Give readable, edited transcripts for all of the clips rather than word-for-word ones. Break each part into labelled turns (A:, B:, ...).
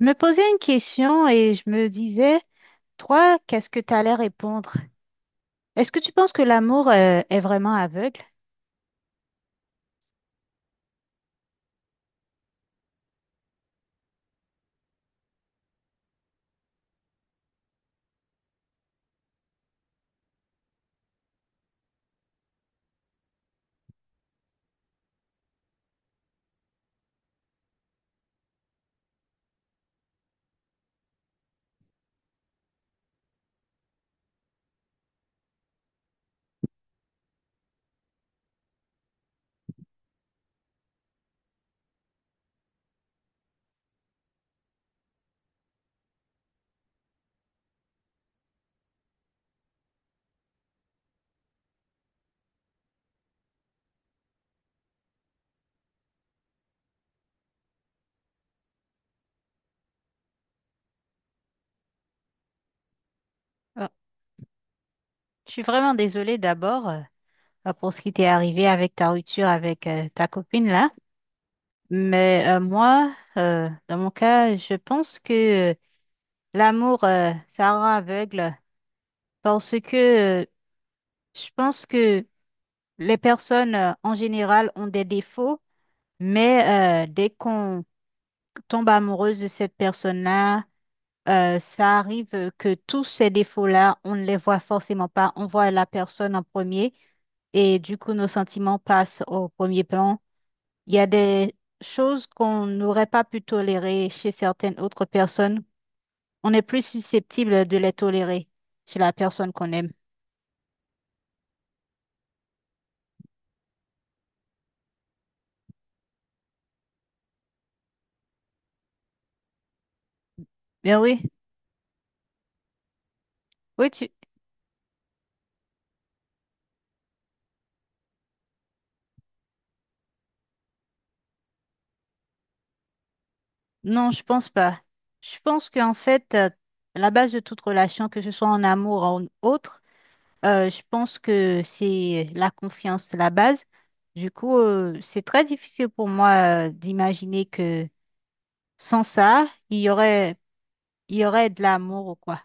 A: Je me posais une question et je me disais, toi, qu'est-ce que tu allais répondre? Est-ce que tu penses que l'amour, est vraiment aveugle? Oh, je suis vraiment désolée d'abord, ah, pour ce qui t'est arrivé avec ta rupture avec, ta copine là. Mais moi, dans mon cas, je pense que l'amour, ça rend aveugle parce que je pense que les personnes, en général, ont des défauts, mais dès qu'on tombe amoureuse de cette personne-là, ça arrive que tous ces défauts-là, on ne les voit forcément pas. On voit la personne en premier et du coup, nos sentiments passent au premier plan. Il y a des choses qu'on n'aurait pas pu tolérer chez certaines autres personnes. On est plus susceptible de les tolérer chez la personne qu'on aime. Mais oui, oui, tu... Non, je pense pas. Je pense qu'en fait, la base de toute relation, que ce soit en amour ou en autre, je pense que c'est la confiance, la base. Du coup, c'est très difficile pour moi d'imaginer que sans ça, il y aurait, il y aurait de l'amour ou quoi.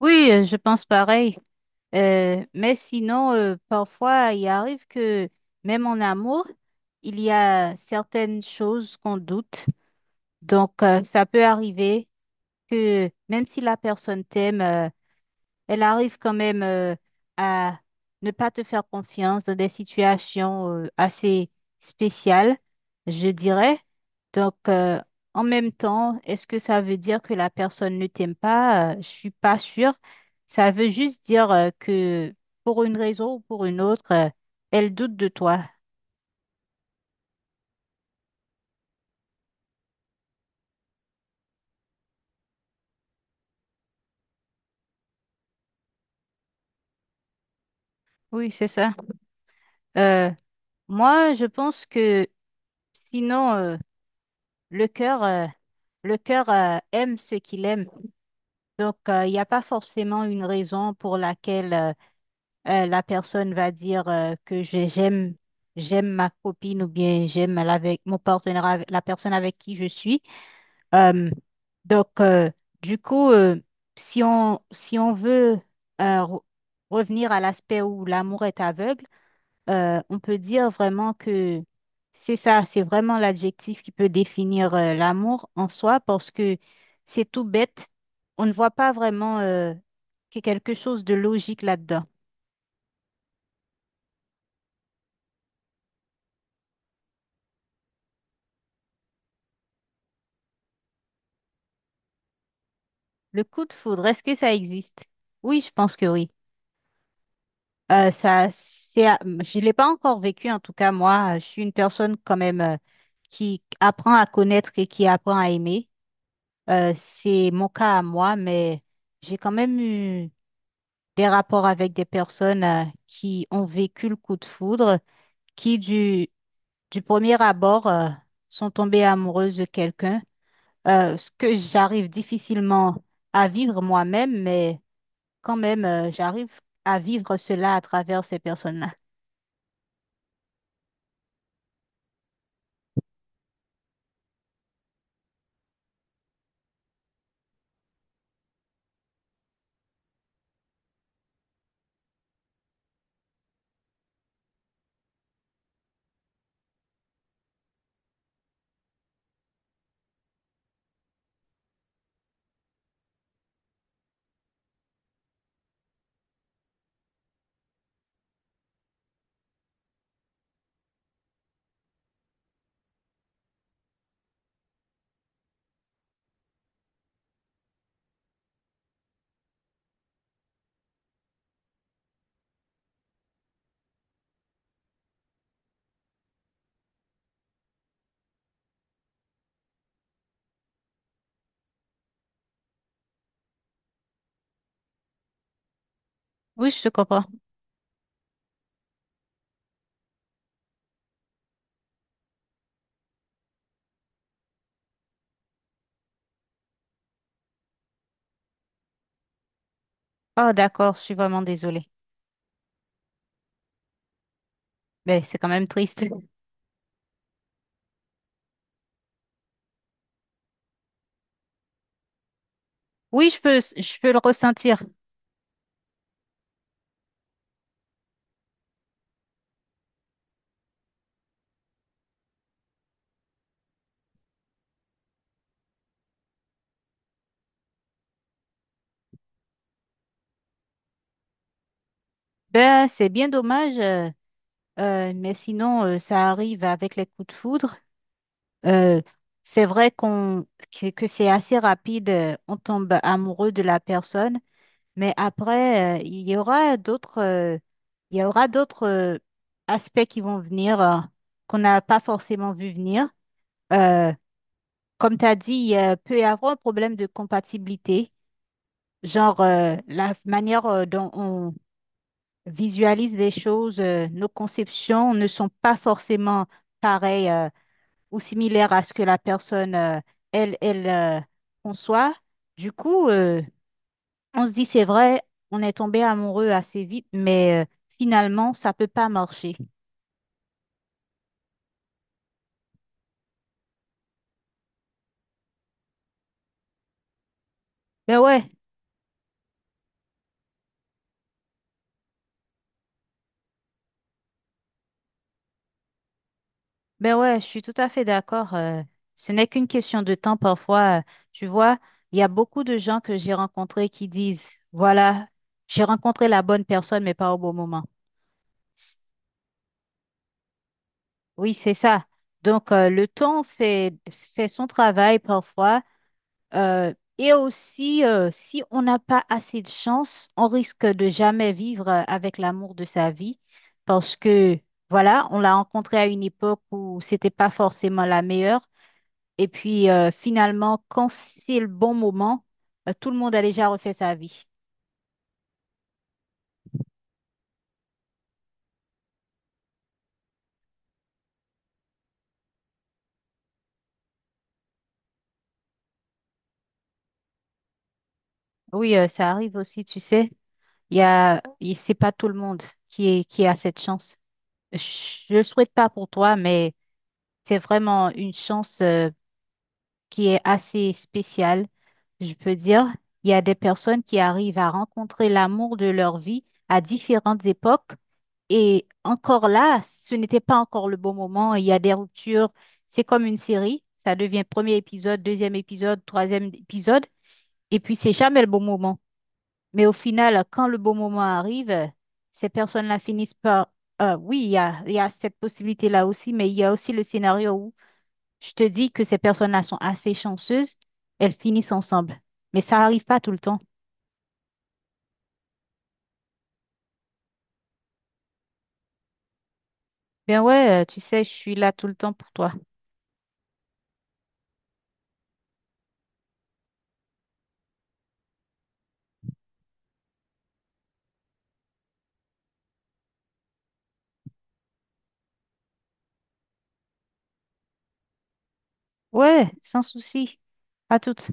A: Oui, je pense pareil. Mais sinon, parfois, il arrive que même en amour, il y a certaines choses qu'on doute. Donc, ça peut arriver que même si la personne t'aime, elle arrive quand même à ne pas te faire confiance dans des situations assez spéciales, je dirais. Donc, en même temps, est-ce que ça veut dire que la personne ne t'aime pas? Je suis pas sûre. Ça veut juste dire que pour une raison ou pour une autre, elle doute de toi. Oui, c'est ça. Euh, moi, je pense que sinon, le cœur, le cœur aime ce qu'il aime. Donc, il n'y a pas forcément une raison pour laquelle la personne va dire que j'aime j'aime ma copine ou bien avec mon partenaire, la personne avec qui je suis. Euh, donc, euh, du coup, euh, si on, si on veut euh, re- revenir à l'aspect où l'amour est aveugle, on peut dire vraiment que c'est ça, c'est vraiment l'adjectif qui peut définir l'amour en soi parce que c'est tout bête. On ne voit pas vraiment qu'il y a quelque chose de logique là-dedans. Le coup de foudre, est-ce que ça existe? Oui, je pense que oui. Je l'ai pas encore vécu, en tout cas, moi, je suis une personne quand même qui apprend à connaître et qui apprend à aimer. C'est mon cas à moi, mais j'ai quand même eu des rapports avec des personnes qui ont vécu le coup de foudre, qui du, du premier abord sont tombées amoureuses de quelqu'un, ce que j'arrive difficilement à vivre moi-même, mais quand même, j'arrive à vivre cela à travers ces personnes-là. Oui, je te comprends. Oh, d'accord, je suis vraiment désolée. Mais c'est quand même triste. Oui, je peux le ressentir. Ben, c'est bien dommage, mais sinon, ça arrive avec les coups de foudre. Euh, c'est vrai que c'est assez rapide, on tombe amoureux de la personne, mais après, il y aura d'autres aspects qui vont venir, qu'on n'a pas forcément vu venir. Euh, comme tu as dit, il peut y avoir un problème de compatibilité, genre la manière dont on visualise les choses, nos conceptions ne sont pas forcément pareilles. Ou similaire à ce que la personne, elle conçoit. Du coup, on se dit, c'est vrai, on est tombé amoureux assez vite, mais finalement, ça peut pas marcher. Ben ouais, ben ouais, je suis tout à fait d'accord. Ce n'est qu'une question de temps parfois. Tu vois, il y a beaucoup de gens que j'ai rencontrés qui disent, voilà, j'ai rencontré la bonne personne, mais pas au bon moment. Oui, c'est ça. Donc, fait son travail parfois. Euh, et aussi, si on n'a pas assez de chance, on risque de jamais vivre avec l'amour de sa vie parce que, voilà, on l'a rencontré à une époque où c'était pas forcément la meilleure. Et puis, finalement, quand c'est le bon moment, tout le monde a déjà refait sa vie. Oui, ça arrive aussi, tu sais. Il y a, il- c'est pas tout le monde qui a cette chance. Je, je le souhaite pas pour toi, mais c'est vraiment une chance, qui est assez spécial, je peux dire. Il y a des personnes qui arrivent à rencontrer l'amour de leur vie à différentes époques. Et encore là, ce n'était pas encore le bon moment. Il y a des ruptures. C'est comme une série. Ça devient premier épisode, deuxième épisode, troisième épisode. Et puis, c'est jamais le bon moment. Mais au final, quand le bon moment arrive, ces personnes-là finissent par... oui, il y a cette possibilité-là aussi, mais il y a aussi le scénario je te dis que ces personnes-là sont assez chanceuses, elles finissent ensemble. Mais ça arrive pas tout le temps. Ben ouais, tu sais, je suis là tout le temps pour toi. Ouais, sans souci. À toutes.